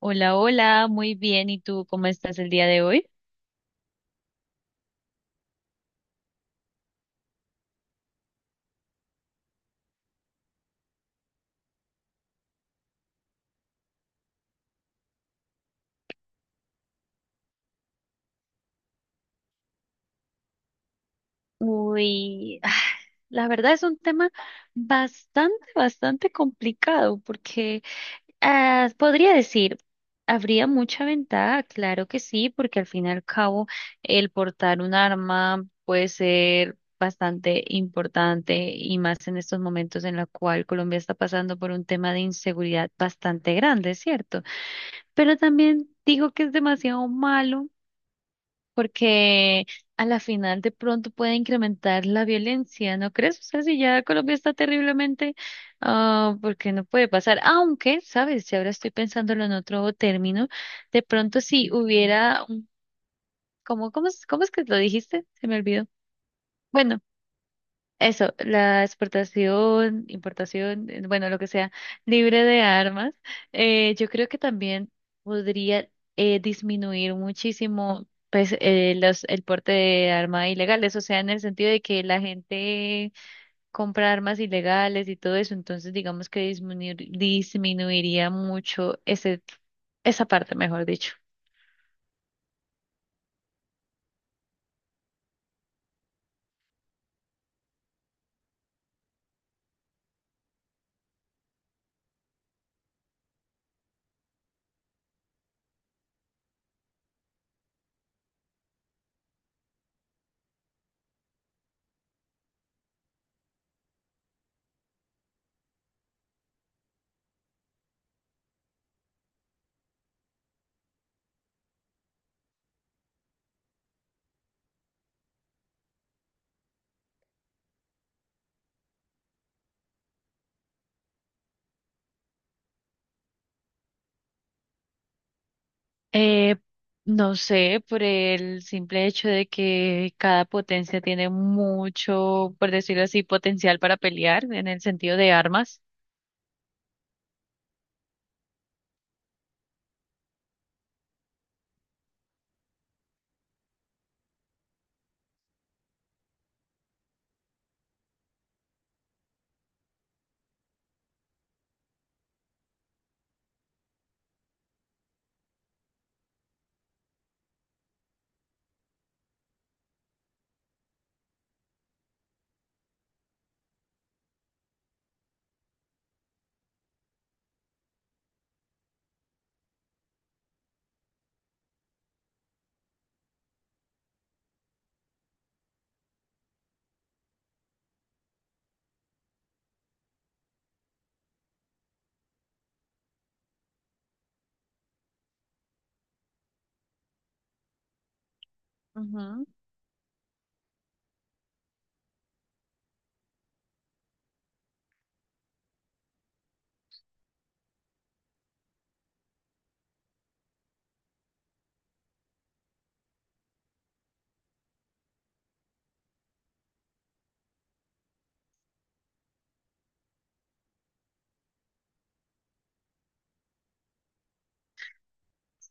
Hola, hola, muy bien. ¿Y tú cómo estás el día de hoy? Uy, ah, la verdad es un tema bastante complicado porque podría decir, habría mucha ventaja, claro que sí, porque al fin y al cabo el portar un arma puede ser bastante importante y más en estos momentos en la cual Colombia está pasando por un tema de inseguridad bastante grande, ¿cierto? Pero también digo que es demasiado malo porque a la final de pronto puede incrementar la violencia, ¿no crees? O sea, si ya Colombia está terriblemente, porque no puede pasar, aunque, ¿sabes? Si ahora estoy pensándolo en otro término, de pronto si hubiera, ¿cómo, cómo es que lo dijiste? Se me olvidó. Bueno. Eso, la exportación, importación, bueno, lo que sea, libre de armas, yo creo que también podría disminuir muchísimo pues, el porte de armas ilegales, o sea, en el sentido de que la gente compra armas ilegales y todo eso, entonces digamos que disminuiría mucho ese, esa parte, mejor dicho. Eh, no sé, por el simple hecho de que cada potencia tiene mucho, por decirlo así, potencial para pelear en el sentido de armas.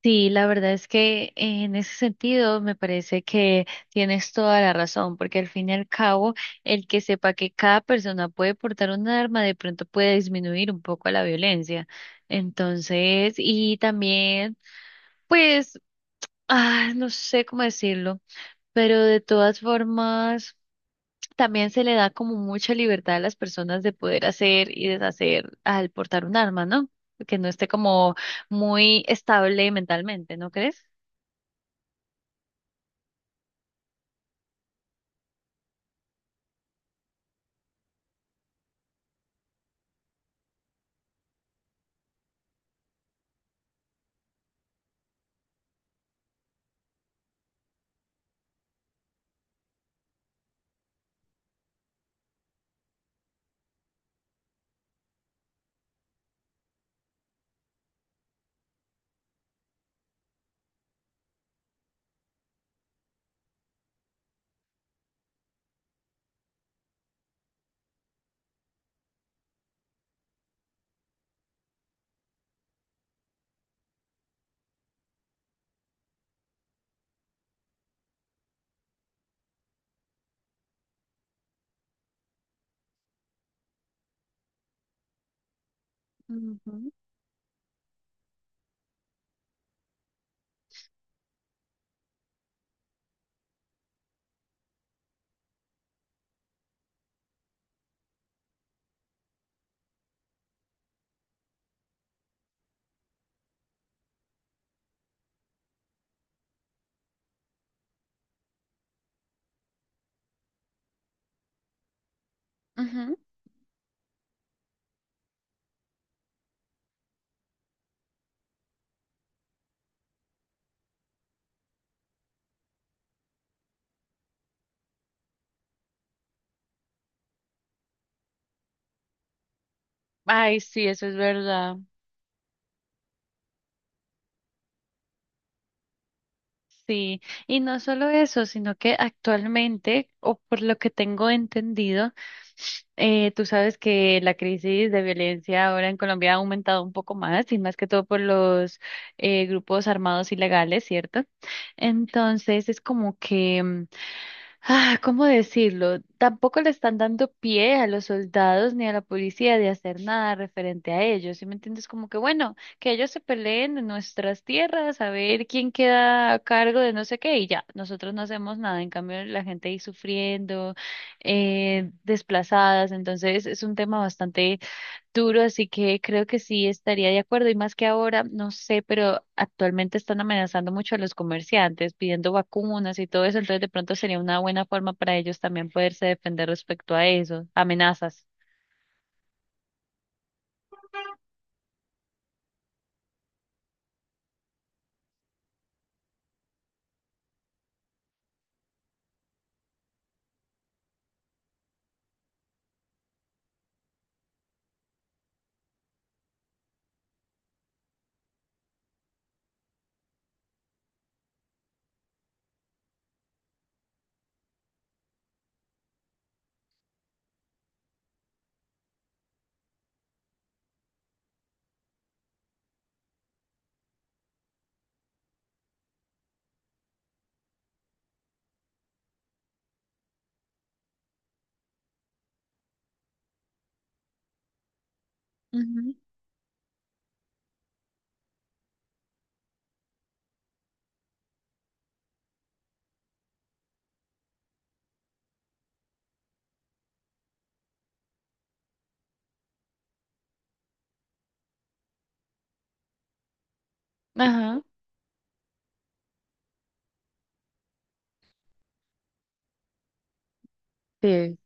Sí, la verdad es que en ese sentido me parece que tienes toda la razón, porque al fin y al cabo, el que sepa que cada persona puede portar un arma de pronto puede disminuir un poco la violencia. Entonces, y también, pues, no sé cómo decirlo, pero de todas formas, también se le da como mucha libertad a las personas de poder hacer y deshacer al portar un arma, ¿no? Que no esté como muy estable mentalmente, ¿no crees? Ujú, ujú. Ay, sí, eso es verdad. Sí, y no solo eso, sino que actualmente, o por lo que tengo entendido, tú sabes que la crisis de violencia ahora en Colombia ha aumentado un poco más, y más que todo por los grupos armados ilegales, ¿cierto? Entonces, es como que ah, ¿cómo decirlo? Tampoco le están dando pie a los soldados ni a la policía de hacer nada referente a ellos. ¿Sí me entiendes? Como que bueno, que ellos se peleen en nuestras tierras, a ver quién queda a cargo de no sé qué y ya, nosotros no hacemos nada. En cambio, la gente ahí sufriendo, desplazadas. Entonces, es un tema bastante duro, así que creo que sí estaría de acuerdo. Y más que ahora, no sé, pero actualmente están amenazando mucho a los comerciantes, pidiendo vacunas y todo eso, entonces de pronto sería una buena forma para ellos también poderse defender respecto a eso, amenazas. Ujú. Ajá. Sí.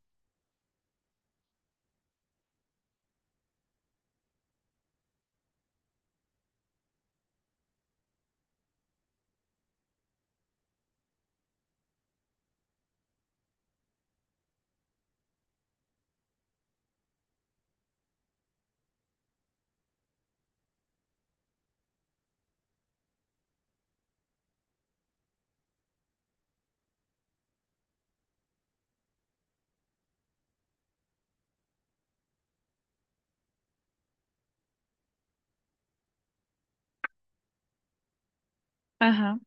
Ajá,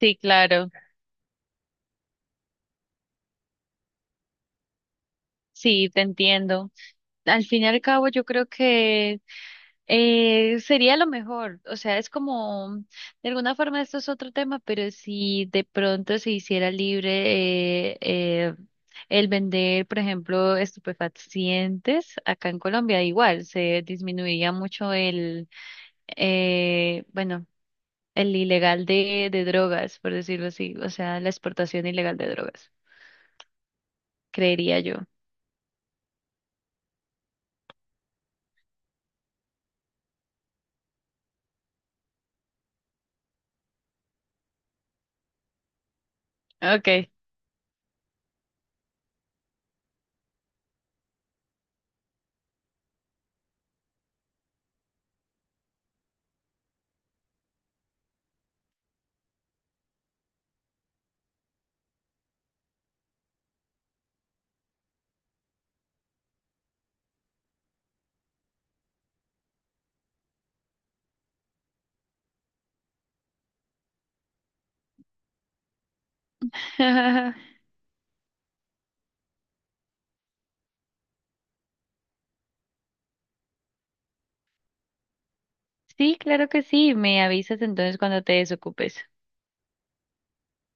sí, claro, sí, te entiendo. Al fin y al cabo, yo creo que sería lo mejor, o sea, es como, de alguna forma esto es otro tema, pero si de pronto se hiciera libre el vender, por ejemplo, estupefacientes acá en Colombia, igual se disminuiría mucho el, bueno, el ilegal de drogas, por decirlo así, o sea, la exportación ilegal de drogas, creería yo. Okay. Sí, claro que sí, me avisas entonces cuando te desocupes.